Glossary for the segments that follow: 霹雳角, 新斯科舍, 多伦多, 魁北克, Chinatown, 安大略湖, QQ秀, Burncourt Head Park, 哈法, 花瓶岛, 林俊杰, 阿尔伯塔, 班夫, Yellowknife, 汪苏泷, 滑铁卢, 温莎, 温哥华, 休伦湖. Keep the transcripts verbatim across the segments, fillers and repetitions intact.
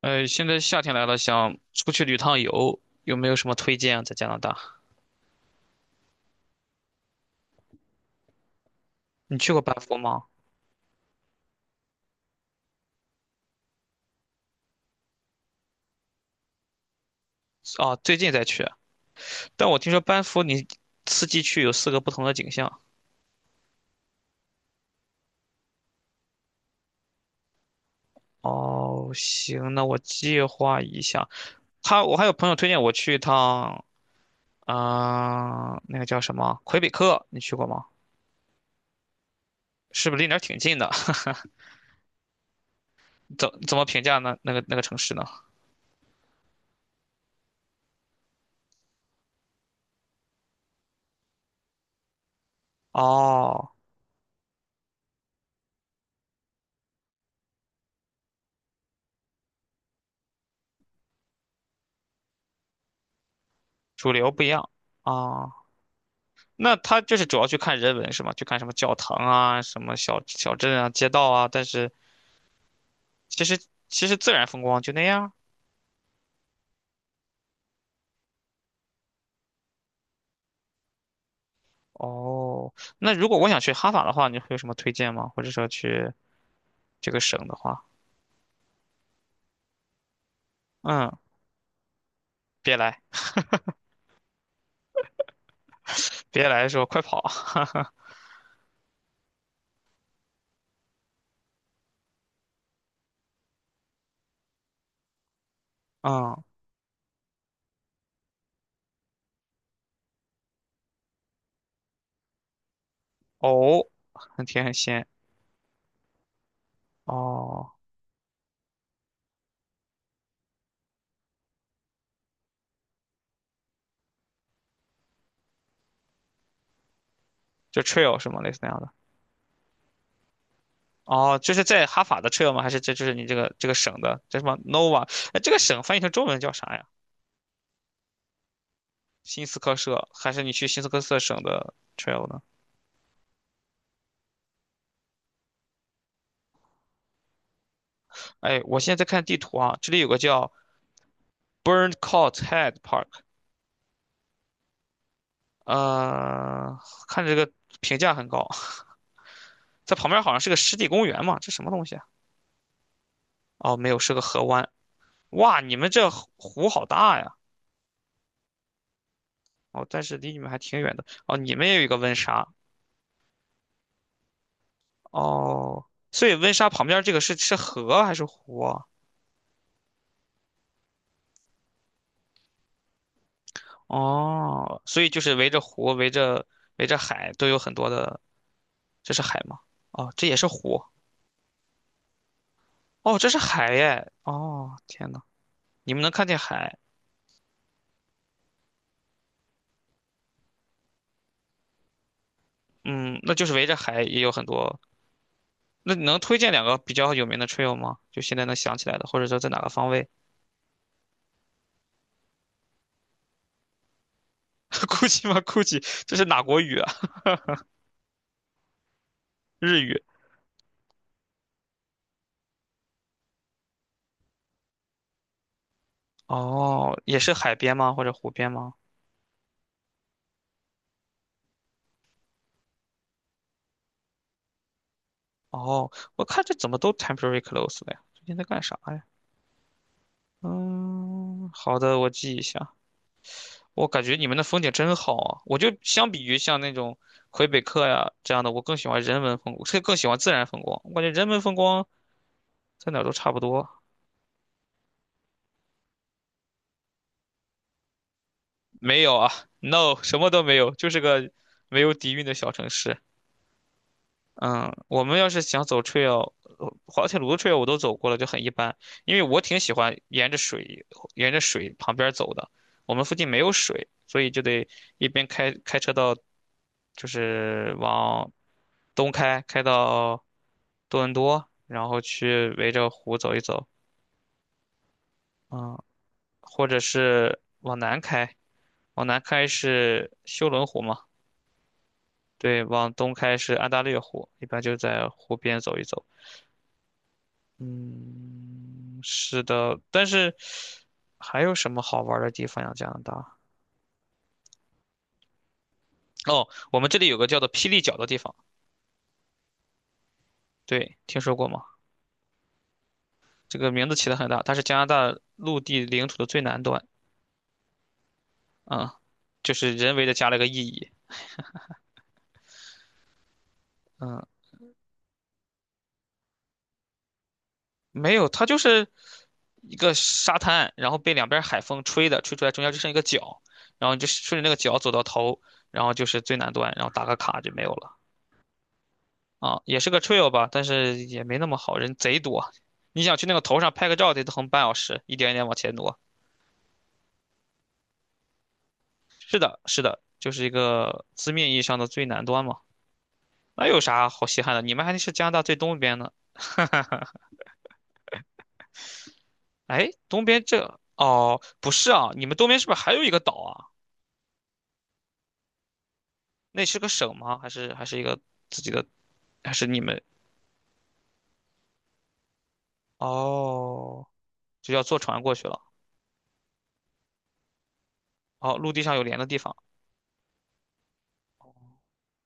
呃，现在夏天来了，想出去旅趟游，有没有什么推荐啊？在加拿大，你去过班夫吗？啊，最近才去，但我听说班夫你四季去有四个不同的景象。哦，行，那我计划一下。他，我还有朋友推荐我去一趟，嗯，那个叫什么魁北克，你去过吗？是不是离那儿挺近的？怎怎么评价那那个那个城市呢？哦，主流不一样啊。哦那他就是主要去看人文是吗？去看什么教堂啊、什么小小镇啊、街道啊，但是其实其实自然风光就那样。哦，那如果我想去哈法的话，你会有什么推荐吗？或者说去这个省的话，嗯，别来，别来的时候快跑，嗯，哦，很甜很鲜，哦，就 trail 是吗？类似那样的。哦，就是在哈法的 trail 吗？还是这就是你这个这个省的叫什么 Nova?哎，这个省翻译成中文叫啥呀？新斯科舍，还是你去新斯科舍省的 trail 呢？哎，我现在在看地图啊，这里有个叫 Burncourt Head Park,呃，看这个评价很高，在旁边好像是个湿地公园嘛，这什么东西啊？哦，没有，是个河湾。哇，你们这湖湖好大呀！哦，但是离你们还挺远的。哦，你们也有一个温莎。哦，所以温莎旁边这个是是河还是湖啊？哦，所以就是围着湖、围着围着海都有很多的，这是海吗？哦，这也是湖。哦，这是海耶！哦，天呐。你们能看见海，嗯，那就是围着海也有很多。那你能推荐两个比较有名的 trail 吗？就现在能想起来的，或者说在哪个方位 ？Gucci 吗？Gucci 这是哪国语啊？日语。哦，也是海边吗？或者湖边吗？哦，我看这怎么都 temporary close 了呀？最近在干啥呀？嗯，好的，我记一下。我感觉你们的风景真好啊！我就相比于像那种魁北克呀这样的，我更喜欢人文风光，更更喜欢自然风光。我感觉人文风光在哪儿都差不多。没有啊，no,什么都没有，就是个没有底蕴的小城市。嗯，我们要是想走 trail,呃滑铁卢的 trail 我都走过了，就很一般。因为我挺喜欢沿着水，沿着水旁边走的。我们附近没有水，所以就得一边开开车到，就是往东开，开到多伦多，然后去围着湖走一走。嗯，或者是往南开，往南开是休伦湖嘛。对，往东开是安大略湖，一般就在湖边走一走。嗯，是的，但是还有什么好玩儿的地方呀？加拿大？哦，我们这里有个叫做霹雳角的地方，对，听说过吗？这个名字起的很大，它是加拿大陆地领土的最南端，啊、就是人为的加了个意义，嗯，没有，它就是一个沙滩，然后被两边海风吹的，吹出来中间就剩一个角，然后你就顺着那个角走到头，然后就是最南端，然后打个卡就没有了。啊，也是个 trail 吧，但是也没那么好，人贼多。你想去那个头上拍个照，得横半小时，一点一点往前挪。是的，是的，就是一个字面意义上的最南端嘛。那有啥好稀罕的？你们还是加拿大最东边呢。哎，东边这，哦，不是啊，你们东边是不是还有一个岛啊？那是个省吗？还是还是一个自己的？还是你们？哦，就要坐船过去了。哦，陆地上有连的地方。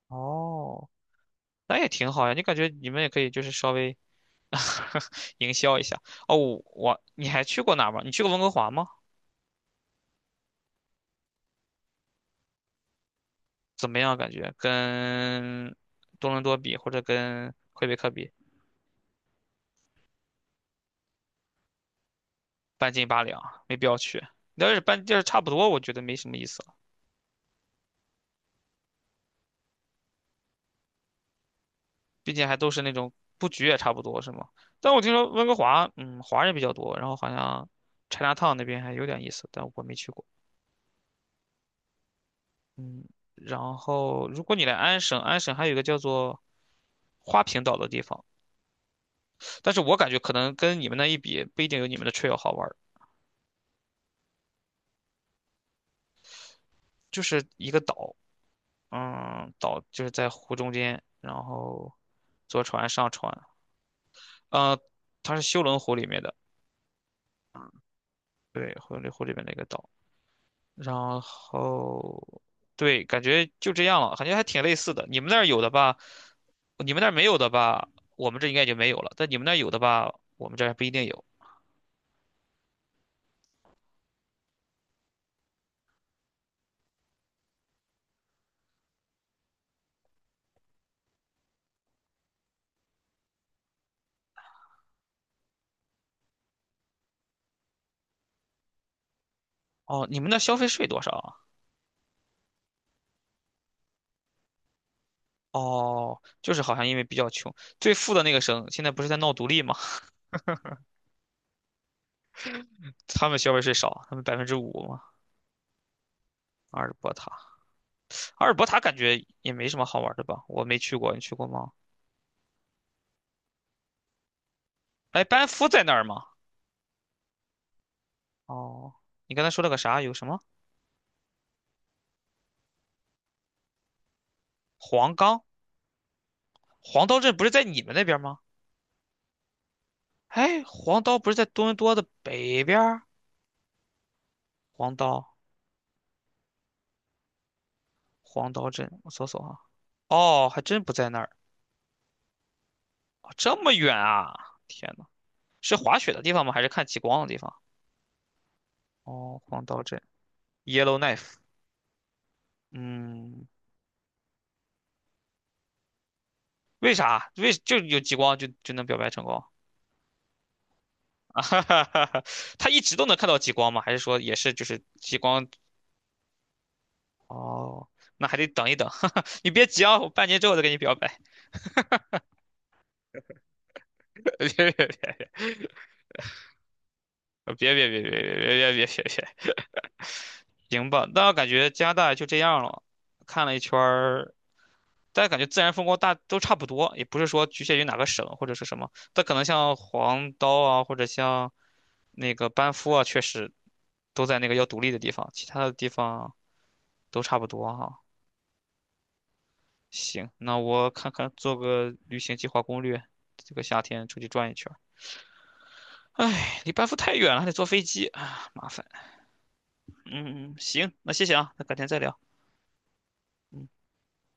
哦，那也挺好呀。你感觉你们也可以，就是稍微。营销一下。哦，我你还去过哪儿吗？你去过温哥华吗？怎么样？感觉跟多伦多比，或者跟魁北克比，半斤八两，没必要去。你要是半就是差不多，我觉得没什么意思了。毕竟还都是那种布局也差不多，是吗？但我听说温哥华，嗯，华人比较多，然后好像 Chinatown 那边还有点意思，但我没去过。嗯，然后如果你来安省，安省还有一个叫做花瓶岛的地方，但是我感觉可能跟你们那一比，不一定有你们的 trail 好玩儿，就是一个岛，嗯，岛就是在湖中间，然后坐船上船，呃，它是修伦湖里面的，对，修伦湖里面的一个岛，然后对，感觉就这样了，感觉还挺类似的。你们那儿有的吧，你们那儿没有的吧，我们这应该就没有了，但你们那儿有的吧，我们这儿还不一定有。哦，你们那消费税多少啊？哦，就是好像因为比较穷，最富的那个省现在不是在闹独立吗？他们消费税少，他们百分之五嘛。阿尔伯塔，阿尔伯塔感觉也没什么好玩的吧？我没去过，你去过吗？哎，班夫在那儿吗？哦，你刚才说了个啥？有什么？黄冈、黄刀镇不是在你们那边吗？哎，黄刀不是在多伦多的北边儿？黄刀、黄刀镇，我搜搜啊。哦，还真不在那儿，哦这么远啊！天呐，是滑雪的地方吗？还是看极光的地方？哦，黄刀镇，Yellowknife,嗯，为啥？为就有极光就就能表白成功？哈哈哈哈，他一直都能看到极光吗？还是说也是就是极光？哦，那还得等一等。你别急啊，我半年之后再给你表白。别别别别别别别别别别别别，行吧？那我感觉加拿大就这样了，看了一圈儿，家感觉自然风光大都差不多，也不是说局限于哪个省或者是什么。但可能像黄刀啊，或者像那个班夫啊，确实都在那个要独立的地方，其他的地方都差不多哈、行，那我看看做个旅行计划攻略，这个夏天出去转一圈儿。哎，离班夫太远了，还得坐飞机啊，麻烦。嗯，嗯嗯行，那谢谢啊，那改天再聊。嗯。